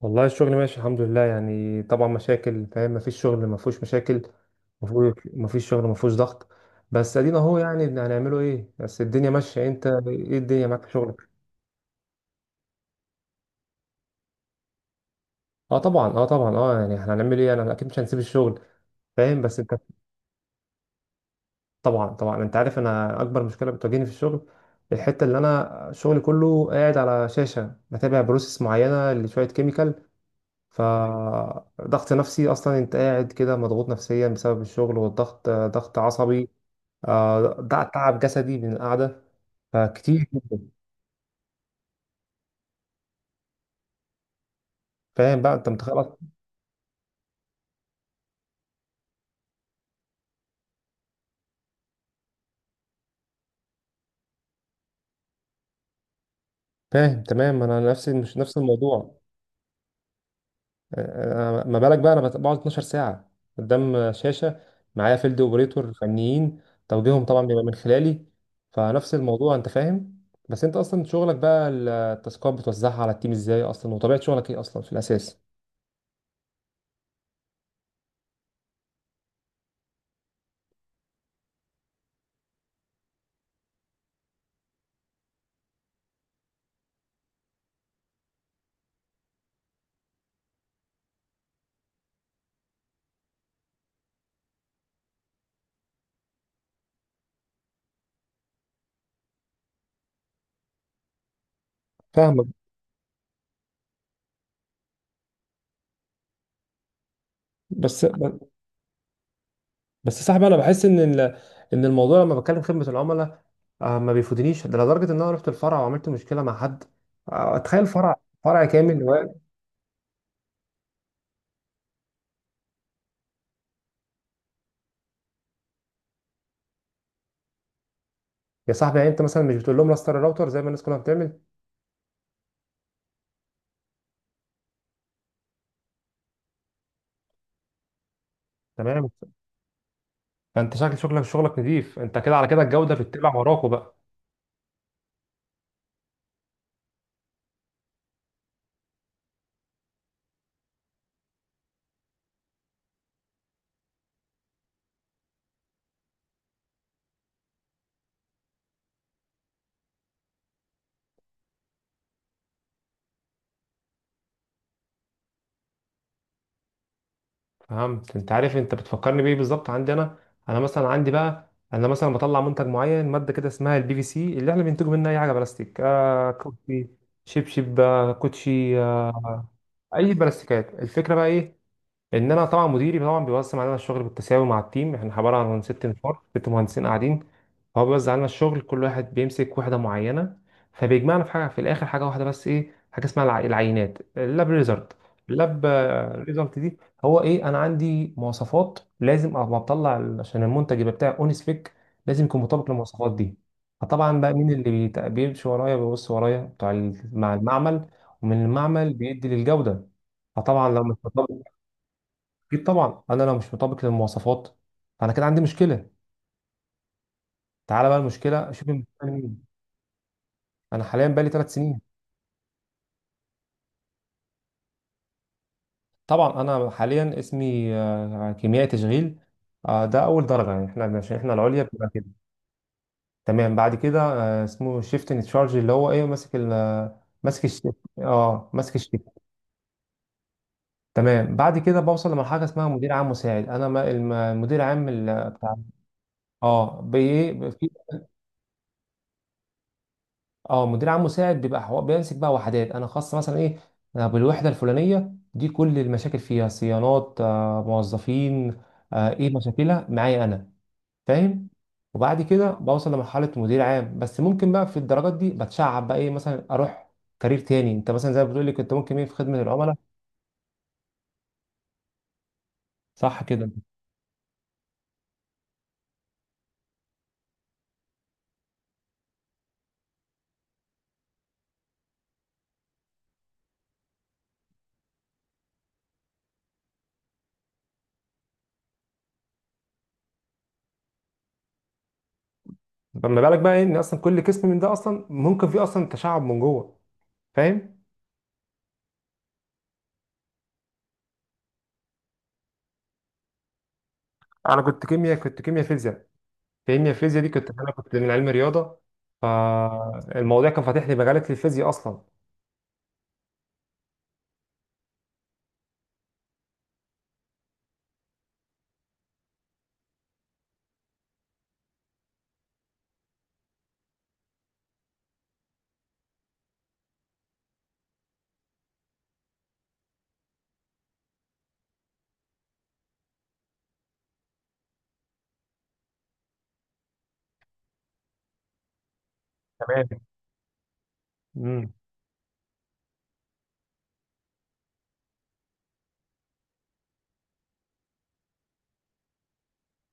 والله الشغل ماشي الحمد لله، يعني طبعا مشاكل، فاهم؟ مفيش شغل مفهوش مشاكل، مفهوش مفيش شغل مفهوش ضغط. بس ادينا اهو، يعني هنعمله ايه؟ بس الدنيا ماشيه. انت ايه الدنيا معاك في شغلك؟ اه طبعا، اه طبعا، اه يعني احنا هنعمل ايه؟ انا اكيد مش هنسيب الشغل. فاهم؟ بس انت... طبعا انت عارف، انا اكبر مشكله بتواجهني في الشغل الحته اللي انا شغلي كله قاعد على شاشه بتابع بروسيس معينه لشويه كيميكال. فضغط نفسي اصلا، انت قاعد كده مضغوط نفسيا بسبب الشغل والضغط، ضغط عصبي. آه ده تعب جسدي من القعدة، فكتير. فاهم بقى؟ انت متخيل أصلاً؟ فاهم تمام. انا نفس مش نفس الموضوع. ما بالك بقى انا بقعد 12 ساعة قدام شاشة، معايا فيلد اوبريتور فنيين، توجيههم طبعا بيبقى من خلالي. فنفس الموضوع، انت فاهم. بس انت اصلا شغلك بقى، التاسكات بتوزعها على التيم ازاي اصلا؟ وطبيعة شغلك ايه اصلا في الاساس؟ فاهمك. بس، يا صاحبي، انا بحس ان ان الموضوع لما بتكلم خدمه العملاء، ما بيفوتنيش ده، لدرجه ان انا رحت الفرع وعملت مشكله مع حد. تخيل فرع، فرع كامل واقف. يا صاحبي، يعني انت مثلا مش بتقول لهم راستر الراوتر زي ما الناس كلها بتعمل؟ تمام. فانت شكل شغلك، شغلك نظيف، انت كده على كده الجوده بتتبع وراكوا بقى. فهمت. انت عارف انت بتفكرني بايه بالظبط عندي انا؟ انا مثلا عندي بقى، انا مثلا بطلع منتج معين، ماده كده اسمها البي في سي، اللي احنا بننتجه منها اي حاجه بلاستيك، آه كوتشي، شبشب، كوتشي، اي بلاستيكات. الفكره بقى ايه؟ ان انا طبعا، مديري طبعا بيوزع علينا الشغل بالتساوي مع التيم، احنا عباره عن 6 نفار، 6 مهندسين قاعدين. هو بيوزع علينا الشغل، كل واحد بيمسك وحده معينه، فبيجمعنا في حاجه في الاخر، حاجه واحده بس، ايه؟ حاجه اسمها العينات، اللاب ريزلت. اللاب ريزلت دي، هو ايه؟ انا عندي مواصفات لازم، اما بطلع عشان المنتج يبقى بتاعي اون سبيك لازم يكون مطابق للمواصفات دي. فطبعا بقى مين اللي بيمشي ورايا، بيبص ورايا بتاع مع المعمل، ومن المعمل بيدي للجوده. فطبعا لو مش مطابق، اكيد طبعا انا لو مش مطابق للمواصفات فانا كده عندي مشكله. تعالى بقى المشكله، شوف المشكله مين. انا حاليا بقالي 3 سنين. طبعا انا حاليا اسمي كيميائي تشغيل، ده اول درجه، يعني احنا عشان احنا العليا بتبقى كده. تمام، بعد كده اسمه شيفت ان تشارج، اللي هو ايه، ماسك ال آه، ماسك الشيفت، اه ماسك الشيفت. تمام، بعد كده بوصل لمرحله اسمها مدير عام مساعد. انا المدير عام بتاع، اه بايه، اه مدير عام مساعد، بيبقى بيمسك بقى وحدات انا خاصه، مثلا ايه، أنا بالوحده الفلانيه دي، كل المشاكل فيها صيانات، آه موظفين، آه ايه، مشاكلها معايا انا. فاهم. وبعد كده بوصل لمرحله مدير عام. بس ممكن بقى في الدرجات دي بتشعب بقى، ايه مثلا، اروح كارير تاني، انت مثلا زي ما بتقول لي كنت ممكن ايه في خدمه العملاء. صح كده؟ فما بالك بقى ايه، ان اصلا كل قسم من ده اصلا ممكن فيه اصلا تشعب من جوه. فاهم. انا كنت كيمياء كنت كيمياء فيزياء، لان الفيزياء دي كنت كنت من علم رياضه. فالموضوع كان فاتح لي مجالات للفيزياء اصلا. تمام. امم،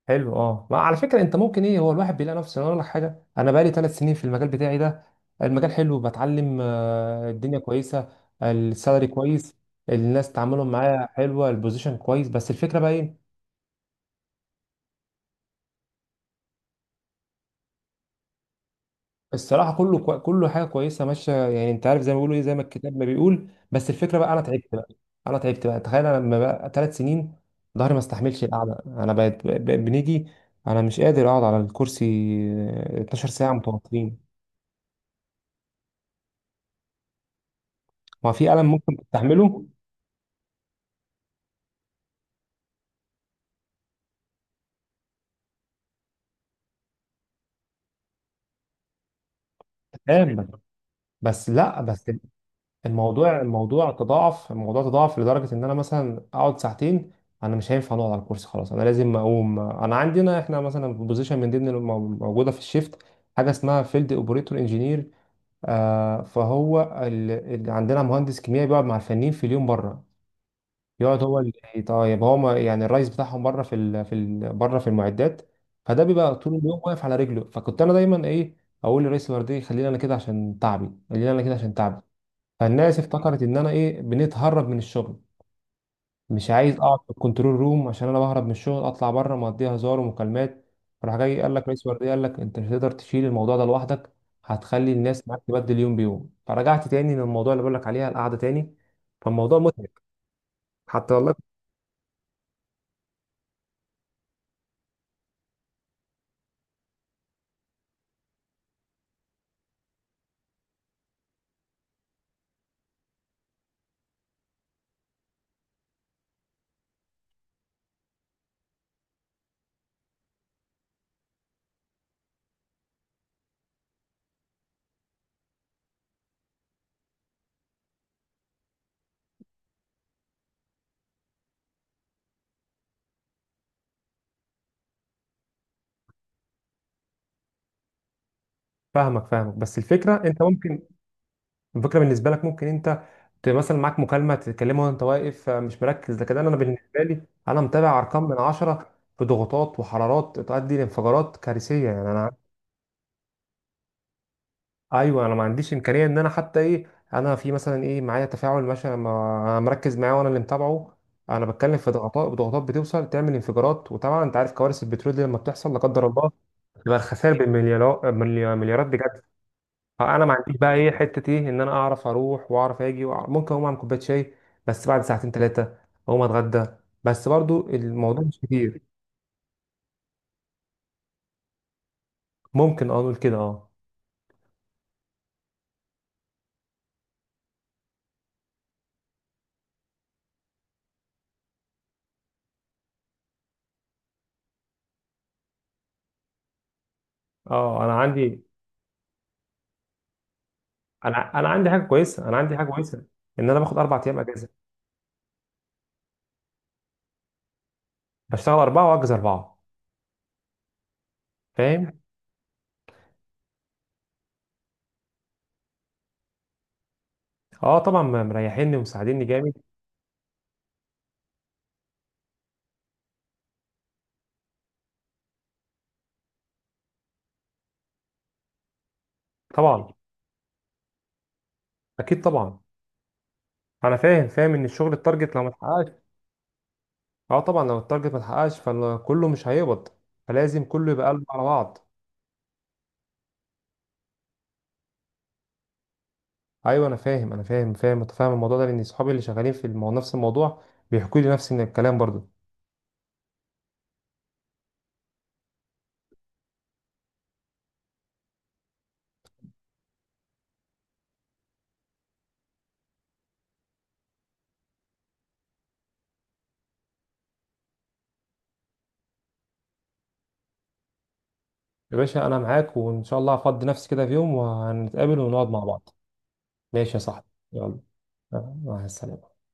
حلو. اه، ما على فكره، انت ممكن ايه، هو الواحد بيلاقي نفسه. أنا اقول لك حاجه، انا بقالي 3 سنين في المجال بتاعي ده، المجال حلو، بتعلم، الدنيا كويسه، السالري كويس، الناس تعاملهم معايا حلوه، البوزيشن كويس، بس الفكره بقى ايه؟ الصراحه كله كله حاجه كويسه ماشيه، يعني انت عارف زي ما بيقولوا ايه، زي ما الكتاب ما بيقول. بس الفكره بقى انا تعبت بقى. انا تعبت بقى. تخيل انا لما بقى 3 سنين، ظهري ما استحملش القعده، انا بنيجي. انا مش قادر اقعد على الكرسي، 12 ساعه متواصلين. ما في الم ممكن تستحمله. تمام، بس لا بس، الموضوع تضاعف، الموضوع تضاعف لدرجة إن أنا مثلا أقعد ساعتين، أنا مش هينفع أقعد على الكرسي، خلاص أنا لازم أقوم. أنا عندنا إحنا مثلا في بوزيشن من ضمن موجودة في الشيفت، حاجة اسمها فيلد أوبريتور إنجينير. آه، فهو عندنا مهندس كيمياء بيقعد مع الفنيين في اليوم بره، يقعد هو اللي طيب هو، ما يعني الرئيس بتاعهم بره في بره في المعدات. فده بيبقى طول اليوم واقف على رجله، فكنت أنا دايما إيه، أقول لرئيس الوردية خليني أنا كده عشان تعبي، خليني أنا كده عشان تعبي. فالناس افتكرت ان انا ايه، بنتهرب من الشغل، مش عايز اقعد في الكنترول روم عشان انا بهرب من الشغل، اطلع بره مقضيها هزار ومكالمات، راح جاي، قال لك رئيس ورديه قال لك انت مش هتقدر تشيل الموضوع ده لوحدك، هتخلي الناس معاك تبدل يوم بيوم. فرجعت تاني للموضوع اللي بقول لك عليها، القعده تاني. فالموضوع متعب. حتى والله كنت... فاهمك، فاهمك، بس الفكره انت ممكن، الفكره بالنسبه لك ممكن انت مثلا معاك مكالمه تتكلمها وانت واقف، مش مركز. لكن أنا بالنسبه لي، انا متابع ارقام من 10، في ضغوطات وحرارات تؤدي لانفجارات كارثيه، يعني انا، ايوه انا ما عنديش امكانيه ان انا حتى ايه، انا في مثلا ايه، معايا تفاعل مثلا انا مركز معاه وانا اللي متابعه، انا بتكلم في ضغطات، ضغوطات بتوصل تعمل انفجارات، وطبعا انت عارف كوارث البترول دي لما بتحصل لا قدر الله، يبقى الخسائر بالمليارات، مليارات بجد. اه، انا ما عنديش بقى ايه، حته ايه، ان انا اعرف اروح واعرف اجي وأعرف ممكن اقوم اعمل كوبايه شاي بس بعد ساعتين 3، اقوم اتغدى. بس برضو الموضوع مش كتير، ممكن اه نقول كده اه. اه انا عندي، انا عندي حاجه كويسه، انا عندي حاجه كويسه، ان انا باخد 4 ايام اجازه، بشتغل 4 واجز 4. فاهم؟ اه طبعا مريحيني ومساعديني جامد. طبعا، اكيد طبعا. انا فاهم، فاهم ان الشغل التارجت لو ما اتحققش... اه طبعا لو التارجت ما اتحققش فكله مش هيقبض، فلازم كله يبقى قلب على بعض. ايوه انا فاهم، متفاهم الموضوع ده، لان اصحابي اللي شغالين في نفس الموضوع بيحكوا لي نفس الكلام برضو. يا باشا انا معاك، وان شاء الله هفضي نفسي كده في يوم وهنتقابل ونقعد مع بعض. ماشي يا صاحبي. يلا، مع السلامه.